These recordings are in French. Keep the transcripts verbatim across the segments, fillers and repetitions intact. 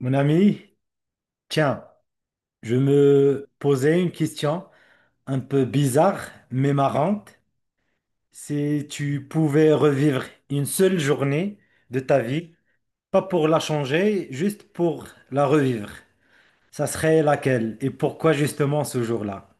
Mon ami, tiens, je me posais une question un peu bizarre mais marrante. Si tu pouvais revivre une seule journée de ta vie, pas pour la changer, juste pour la revivre, ça serait laquelle et pourquoi justement ce jour-là?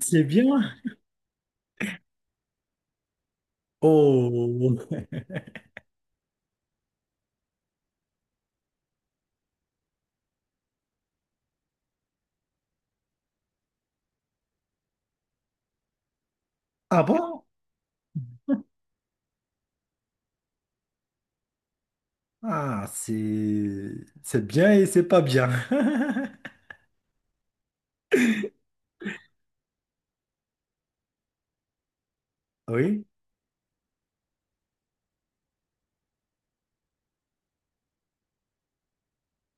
C'est bien. Oh, ah bon? Ah, c'est c'est bien et c'est pas bien. Oui,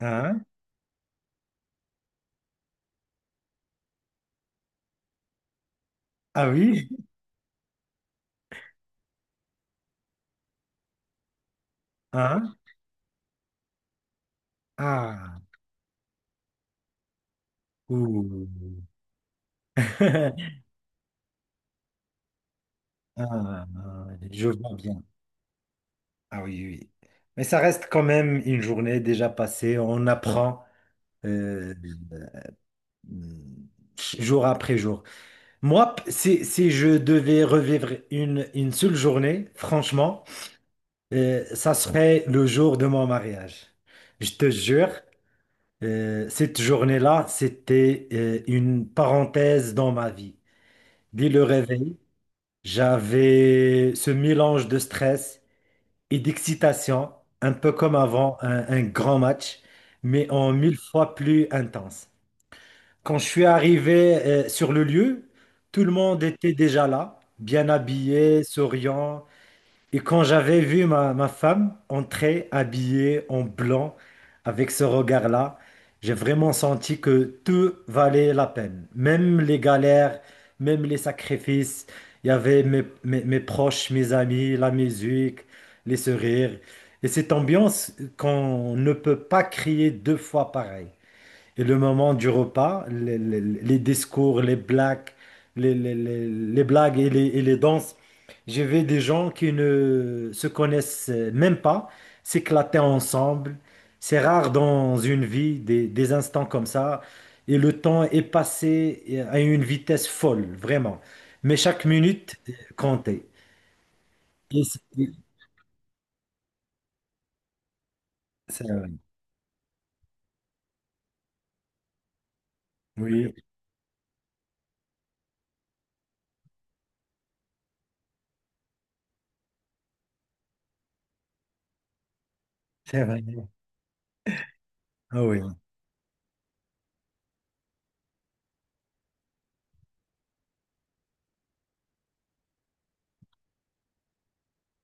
hein? Ah oui, hein? Ah, ouh. Ah, ah, ah, je vois bien. Ah oui, oui. Mais ça reste quand même une journée déjà passée. On apprend euh, euh, jour après jour. Moi, p- si, si je devais revivre une, une seule journée, franchement, euh, ça serait le jour de mon mariage. Je te jure, euh, cette journée-là, c'était euh, une parenthèse dans ma vie. Dès le réveil, j'avais ce mélange de stress et d'excitation, un peu comme avant un, un grand match, mais en mille fois plus intense. Quand je suis arrivé euh, sur le lieu, tout le monde était déjà là, bien habillé, souriant, et quand j'avais vu ma, ma femme entrer habillée en blanc avec ce regard-là, j'ai vraiment senti que tout valait la peine. Même les galères, même les sacrifices. Il y avait mes, mes- mes proches, mes amis, la musique, les sourires. Et cette ambiance qu'on ne peut pas crier deux fois pareil. Et le moment du repas, les, les- les discours, les blagues, les, les- les- les blagues et les, et les danses, j'ai vu des gens qui ne se connaissent même pas s'éclater ensemble. C'est rare dans une vie des, des instants comme ça. Et le temps est passé à une vitesse folle, vraiment. Mais chaque minute comptait. Et c'est c'est vrai. Oui, c'est vrai. Ah oui,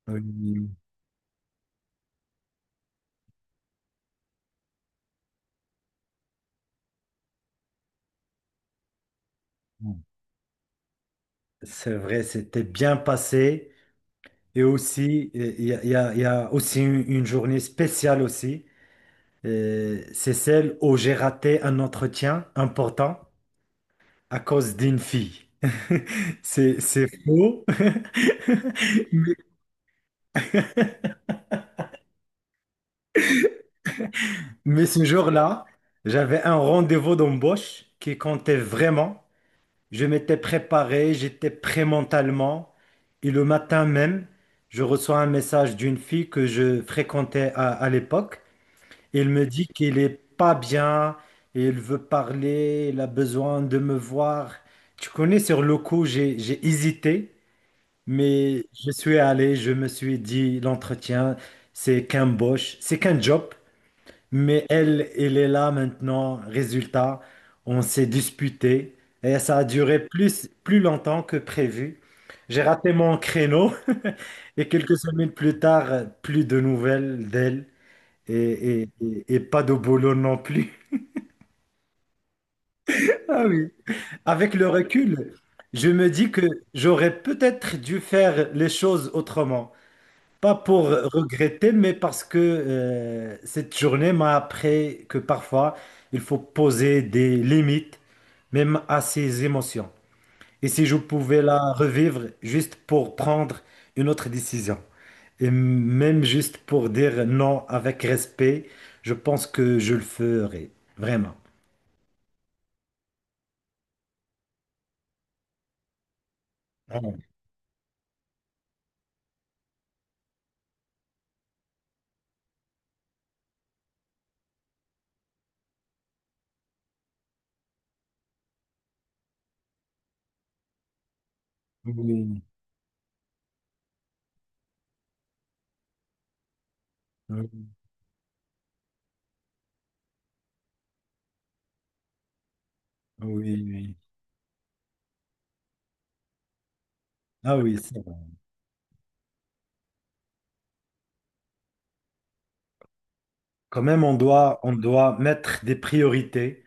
oui, oui, oui. C'est vrai, c'était bien passé. Et aussi, il y a, il y a- il y a aussi une, une journée spéciale aussi. Euh, C'est celle où j'ai raté un entretien important à cause d'une fille. C'est, c'est faux. Mais, mais ce jour-là, j'avais un rendez-vous d'embauche qui comptait vraiment. Je m'étais préparé, j'étais prêt mentalement. Et le matin même, je reçois un message d'une fille que je fréquentais à à l'époque. Il me dit qu'il est pas bien, il veut parler, il a besoin de me voir. Tu connais, sur le coup, j'ai, j'ai hésité, mais je suis allé, je me suis dit, l'entretien, c'est qu'un boss, c'est qu'un job, mais elle, elle est là maintenant. Résultat, on s'est disputé et ça a duré plus, plus longtemps que prévu. J'ai raté mon créneau et quelques semaines plus tard, plus de nouvelles d'elle et, et- et- et pas de boulot non plus. Ah oui. Avec le recul, je me dis que j'aurais peut-être dû faire les choses autrement. Pas pour regretter, mais parce que euh, cette journée m'a appris que parfois, il faut poser des limites, même à ses émotions. Et si je pouvais la revivre juste pour prendre une autre décision, et même juste pour dire non avec respect, je pense que je le ferais, vraiment. Ah, oui, oui, oui, oui. Ah oui, c'est vrai. Quand même, on doit, on doit mettre des priorités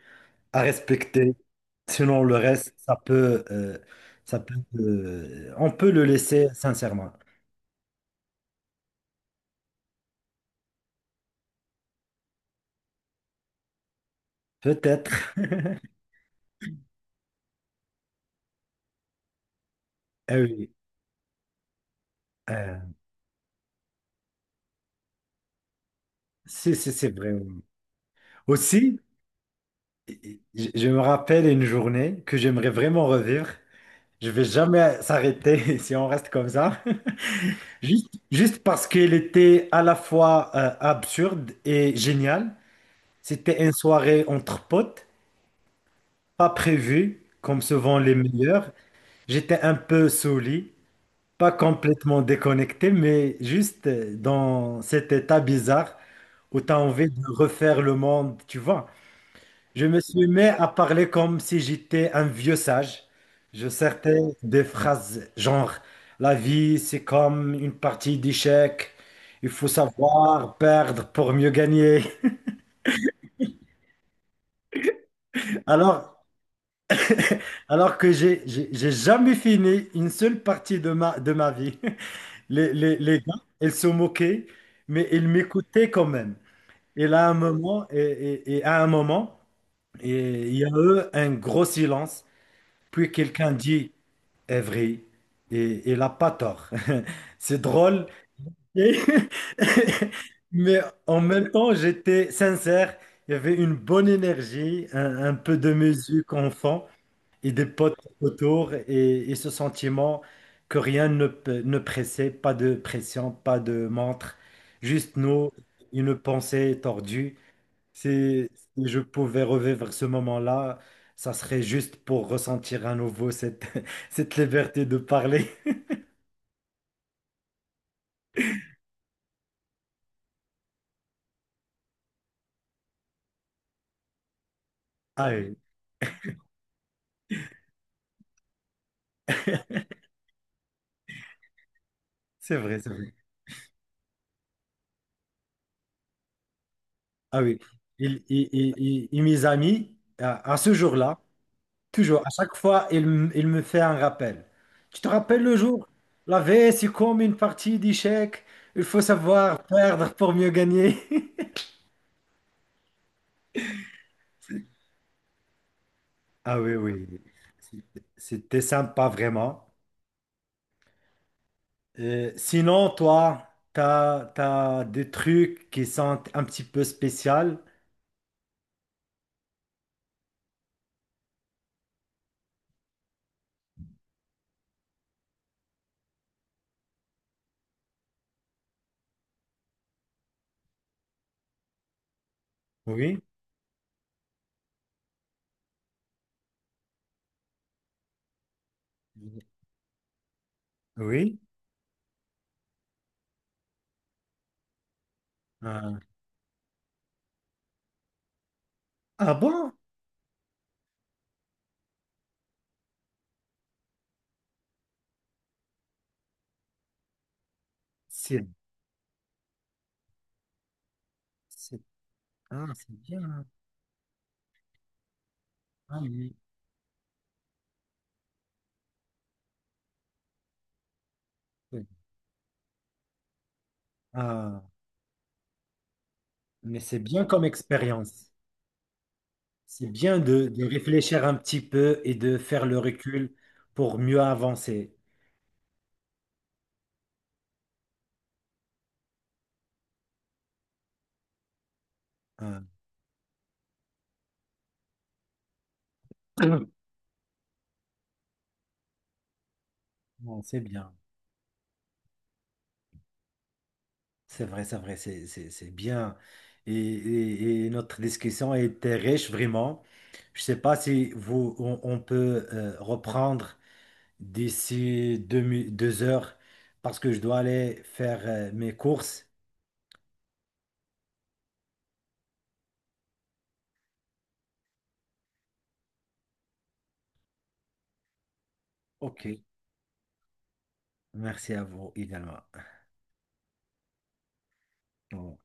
à respecter. Sinon, le reste, ça peut, euh, ça peut, euh, on peut le laisser sincèrement. Peut-être. Ah oui. euh, Si, si, c'est vrai. Oui. Aussi, je, je me rappelle une journée que j'aimerais vraiment revivre. Je vais jamais s'arrêter si on reste comme ça. Juste, juste parce qu'elle était à la fois euh, absurde et géniale. C'était une soirée entre potes, pas prévue, comme souvent les meilleurs. J'étais un peu saouli, pas complètement déconnecté, mais juste euh, dans cet état bizarre où tu as envie de refaire le monde, tu vois. Je me suis mis à parler comme si j'étais un vieux sage. Je sortais des phrases genre: la vie, c'est comme une partie d'échecs. Il faut savoir perdre pour mieux gagner. Alors, alors que j'ai j'ai j'ai jamais fini une seule partie de ma, de ma vie. Les, les, les gars, ils se moquaient, mais ils m'écoutaient quand même. Et là, un moment, et, et et à un moment, et il y a eu un gros silence. Puis quelqu'un dit: est vrai. Et il n'a pas tort. C'est drôle. Et- Mais en même temps, j'étais sincère. Il y avait une bonne énergie, un, un peu de musique en fond et des potes autour et, et ce sentiment que rien ne, pe- ne pressait, pas de pression, pas de montre, juste nous, une pensée tordue. Si, si je pouvais revivre ce moment-là, ça serait juste pour ressentir à nouveau cette, cette liberté de parler. Ah oui, c'est vrai, c'est vrai. Ah oui. Il- il- il- il- il- mes amis, à, à ce jour-là, toujours, à chaque fois, il, m- il me fait un rappel. Tu te rappelles le jour? La vie, c'est comme une partie d'échecs. Il faut savoir perdre pour mieux gagner. Ah oui, oui. C'était c'était sympa, vraiment. Euh, sinon, toi, t'as, t'as des trucs qui sont un petit peu spéciaux. Oui, oui. Euh, ah bon? C'est, c'est, ah, c'est bien. Ah, mais, ah, mais c'est bien comme expérience. C'est bien de, de réfléchir un petit peu et de faire le recul pour mieux avancer. Ah, bon, c'est bien. C'est vrai, c'est vrai, c'est c'est- c'est bien. Et, et- et notre discussion a été riche, vraiment. Je ne sais pas si vous, on, on peut euh, reprendre d'ici deux, mi- deux heures parce que je dois aller faire euh, mes courses. Ok. Merci à vous également. Au